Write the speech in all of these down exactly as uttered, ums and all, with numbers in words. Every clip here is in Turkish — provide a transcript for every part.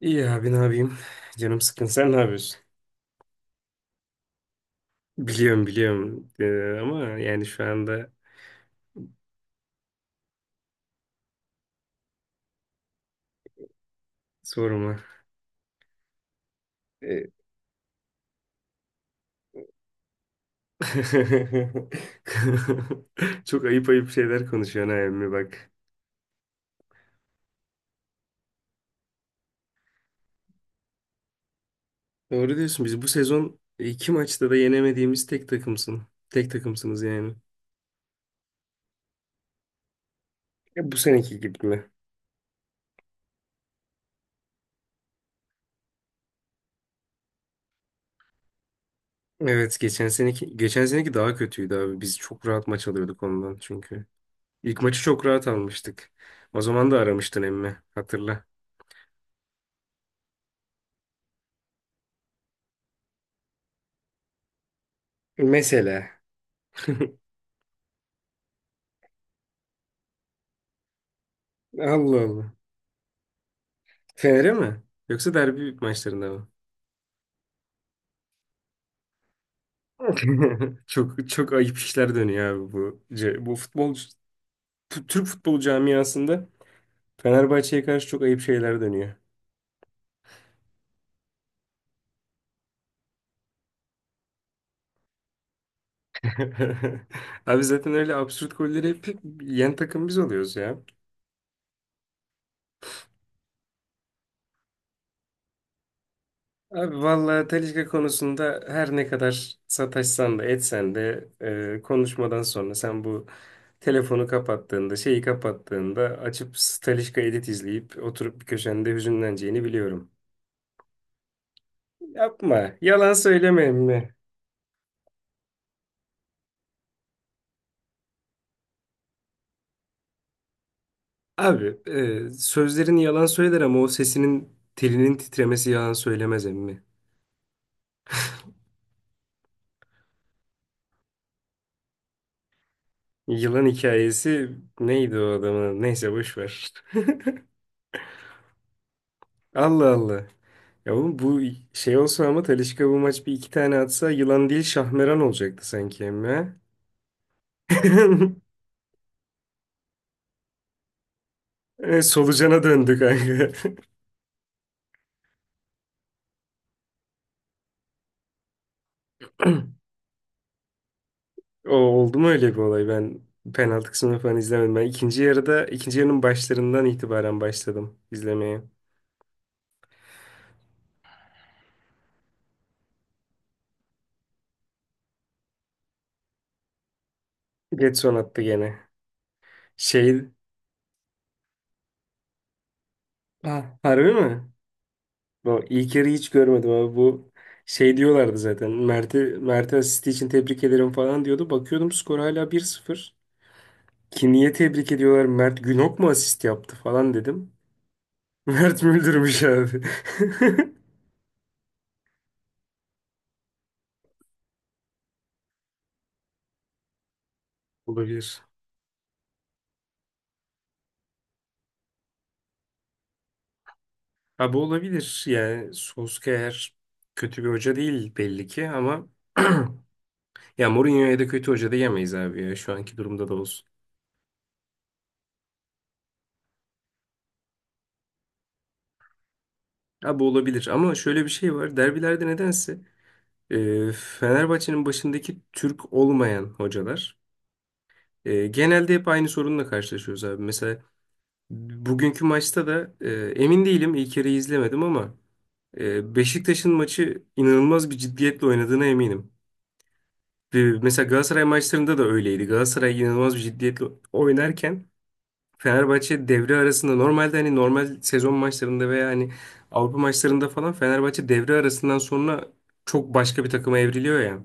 İyi abi ne yapayım? Canım sıkkın. Sen ne yapıyorsun? Biliyorum biliyorum. Ee, ama yani şu anda sorma. Ee, Çok ayıp ayıp şeyler konuşuyorsun ha emmi bak. Doğru diyorsun. Biz bu sezon iki maçta da yenemediğimiz tek takımsın. Tek takımsınız yani. E, bu seneki gibi mi? Evet geçen seneki geçen seneki daha kötüydü abi. Biz çok rahat maç alıyorduk ondan çünkü. İlk maçı çok rahat almıştık. O zaman da aramıştın emmi hatırla. Mesela. Allah Allah. Fener'e mi? Yoksa derbi maçlarında mı? Çok çok ayıp işler dönüyor abi bu. ce- Bu futbol T- Türk futbol camiasında Fenerbahçe'ye karşı çok ayıp şeyler dönüyor. Abi zaten öyle absürt golleri hep yen takım biz oluyoruz ya. Abi vallahi Talişka konusunda her ne kadar sataşsan da etsen de e, konuşmadan sonra sen bu telefonu kapattığında şeyi kapattığında açıp Talişka edit izleyip oturup bir köşende hüzünleneceğini biliyorum. Yapma. Yalan söyleme mi? Abi e, sözlerini yalan söyler ama o sesinin telinin titremesi yalan söylemez emmi. Yılan hikayesi neydi o adamın? Neyse boş ver. Allah Allah. Ya oğlum bu şey olsa ama Talisca bu maç bir iki tane atsa yılan değil şahmeran olacaktı sanki emme. E, Solucana döndük kanka. O oldu mu öyle bir olay? Ben penaltı kısmını falan izlemedim. Ben ikinci yarıda ikinci yarının başlarından itibaren başladım izlemeye. Getson attı gene. Şey, ha, harbi mi? Bu ilk yarıyı hiç görmedim abi bu şey diyorlardı zaten. Mert'i Mert'e asisti için tebrik ederim falan diyordu. Bakıyordum skor hala bir sıfır. Ki niye tebrik ediyorlar? Mert Günok mu asist yaptı falan dedim. Mert Müldürmüş abi. Olabilir. Abi olabilir. Yani Solskjaer kötü bir hoca değil belli ki ama ya Mourinho'ya da kötü hoca diyemeyiz abi ya şu anki durumda da olsun. Abi olabilir ama şöyle bir şey var. Derbilerde nedense e, Fenerbahçe'nin başındaki Türk olmayan hocalar e, genelde hep aynı sorunla karşılaşıyoruz abi. Mesela bugünkü maçta da e, emin değilim ilk yarıyı izlemedim ama Ee, Beşiktaş'ın maçı inanılmaz bir ciddiyetle oynadığına eminim. Ee, Mesela Galatasaray maçlarında da öyleydi. Galatasaray inanılmaz bir ciddiyetle oynarken Fenerbahçe devre arasında normalde hani normal sezon maçlarında veya hani Avrupa maçlarında falan Fenerbahçe devre arasından sonra çok başka bir takıma evriliyor ya.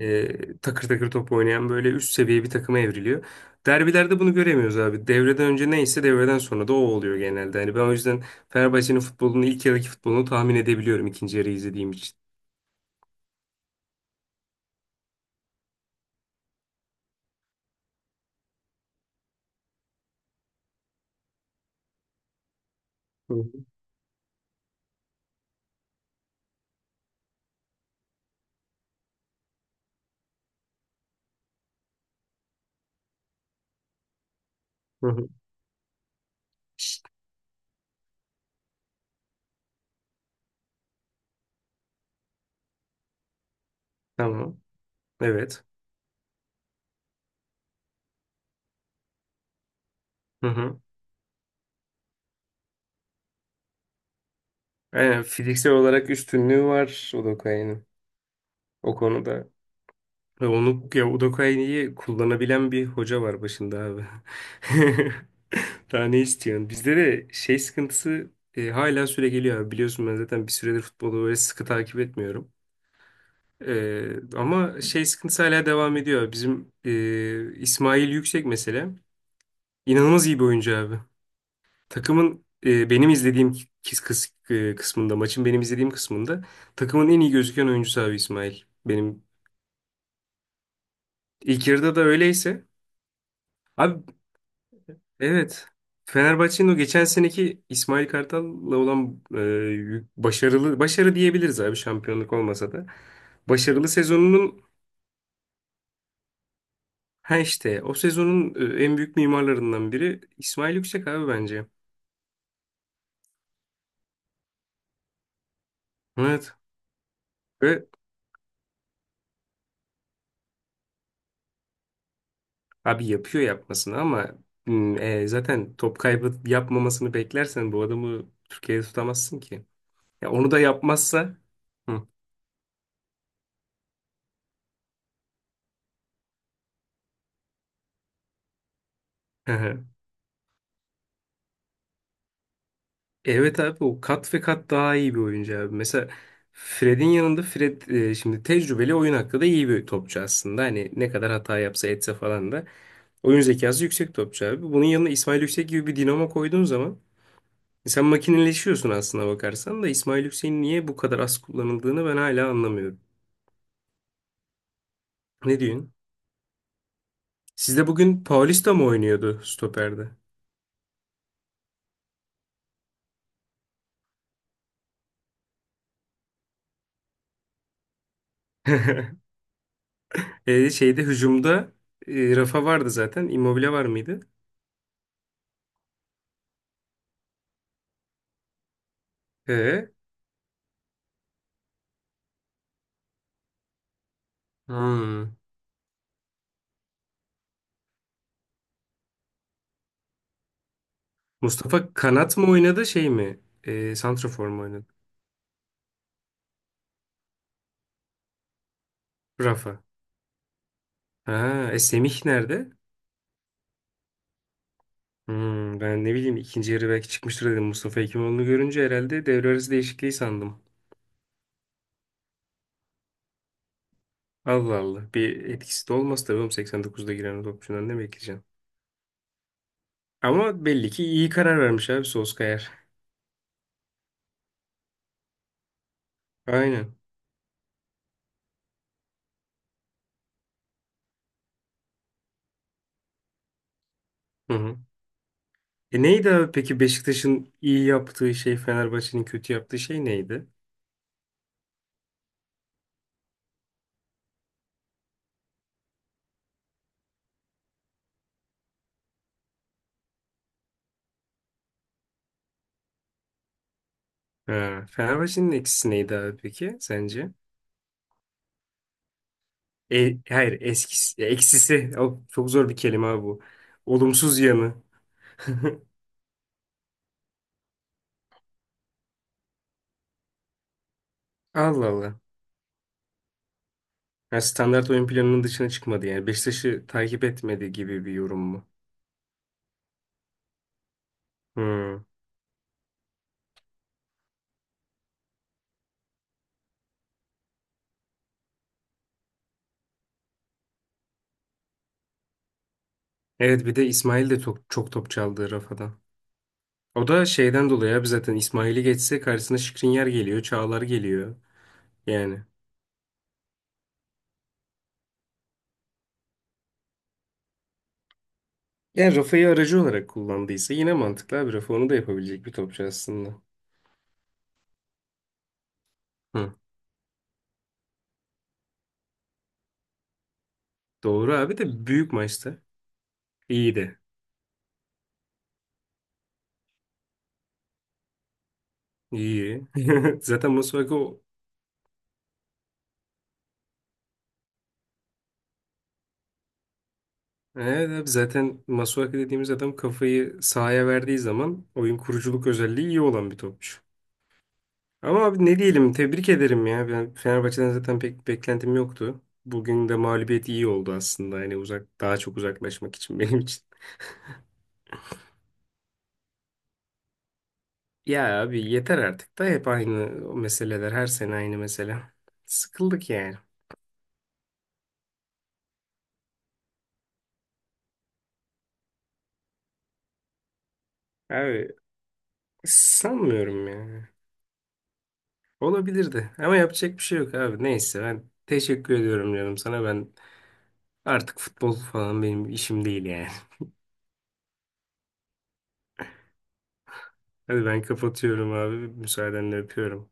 Ee, takır takır top oynayan böyle üst seviye bir takıma evriliyor. Derbilerde bunu göremiyoruz abi. Devreden önce neyse devreden sonra da o oluyor genelde. Hani ben o yüzden Fenerbahçe'nin futbolunu ilk yarıdaki futbolunu tahmin edebiliyorum ikinci yarı izlediğim için. Hı hı. Hı hı. Tamam. Evet. Hı hı. Aynen fiziksel olarak üstünlüğü var Udokai'nin o konuda. Ve onu ya Udokai'yi kullanabilen bir hoca var başında abi. Daha ne istiyorsun? Bizde de şey sıkıntısı e, hala süre geliyor abi. Biliyorsun ben zaten bir süredir futbolu böyle sıkı takip etmiyorum. E, ama şey sıkıntısı hala devam ediyor. Bizim e, İsmail Yüksek mesela inanılmaz iyi bir oyuncu abi. Takımın e, benim izlediğim kis, kıs- e, kısmında, maçın benim izlediğim kısmında takımın en iyi gözüken oyuncusu abi İsmail. Benim ilk yarıda da öyleyse. Abi evet. Fenerbahçe'nin o geçen seneki İsmail Kartal'la olan e, yük- başarılı, başarı diyebiliriz abi şampiyonluk olmasa da. Başarılı sezonunun, ha işte o sezonun e, en büyük mimarlarından biri İsmail Yüksek abi bence. Evet. Ve abi yapıyor yapmasını ama hmm, e, zaten top kaybı yapmamasını beklersen bu adamı Türkiye'de tutamazsın ki. Ya onu da yapmazsa. Hı. Hı. Evet abi o kat ve kat daha iyi bir oyuncu abi. Mesela Fred'in yanında Fred e, şimdi tecrübeli oyun hakkı da iyi bir topçu aslında. Hani ne kadar hata yapsa etse falan da oyun zekası yüksek topçu abi. Bunun yanına İsmail Yüksek gibi bir dinamo koyduğun zaman e, sen makineleşiyorsun aslına bakarsan da İsmail Yüksek'in niye bu kadar az kullanıldığını ben hala anlamıyorum. Ne diyorsun? Sizde bugün Paulista mı oynuyordu stoperde? E, şeyde hücumda e, Rafa vardı zaten. Immobile var mıydı? E, hmm. Mustafa kanat mı oynadı şey mi? E, santrafor mu oynadı? Rafa. Ha, e, Semih nerede? Hmm, ben ne bileyim ikinci yarı belki çıkmıştır dedim. Mustafa Hekimoğlu'nu görünce herhalde devre arası değişikliği sandım. Allah Allah. Bir etkisi de olmaz tabii oğlum seksen dokuzda giren o topçudan ne bekleyeceksin? Ama belli ki iyi karar vermiş abi Solskjaer. Aynen. Hı hı. E neydi abi peki Beşiktaş'ın iyi yaptığı şey Fenerbahçe'nin kötü yaptığı şey neydi? Ha, Fenerbahçe'nin eksisi neydi abi peki sence? E, hayır eskisi, eksisi o, çok zor bir kelime abi bu. Olumsuz yanı. Allah Allah. Ha, standart oyun planının dışına çıkmadı yani. Beşiktaş'ı takip etmedi gibi bir yorum mu? Hmm. Evet bir de İsmail de çok, çok top çaldı Rafa'dan. O da şeyden dolayı abi zaten İsmail'i geçse karşısına Şikrinyar geliyor, Çağlar geliyor. Yani. Yani rafayı aracı olarak kullandıysa yine mantıklı abi. Rafa onu da yapabilecek bir topçu aslında. Hı. Doğru abi de büyük maçta iyiydi. İyi. Zaten Masuaku o- Evet abi zaten Masuaku dediğimiz adam kafayı sahaya verdiği zaman oyun kuruculuk özelliği iyi olan bir topçu. Ama abi ne diyelim tebrik ederim ya. Ben Fenerbahçe'den zaten pek beklentim yoktu. Bugün de mağlubiyet iyi oldu aslında. Yani uzak daha çok uzaklaşmak için benim için. Ya abi yeter artık da hep aynı o meseleler. Her sene aynı mesele. Sıkıldık yani. Abi sanmıyorum ya. Olabilirdi ama yapacak bir şey yok abi. Neyse ben teşekkür ediyorum canım sana. Ben artık futbol falan benim işim değil yani. Hadi ben kapatıyorum abi. Müsaadenle öpüyorum.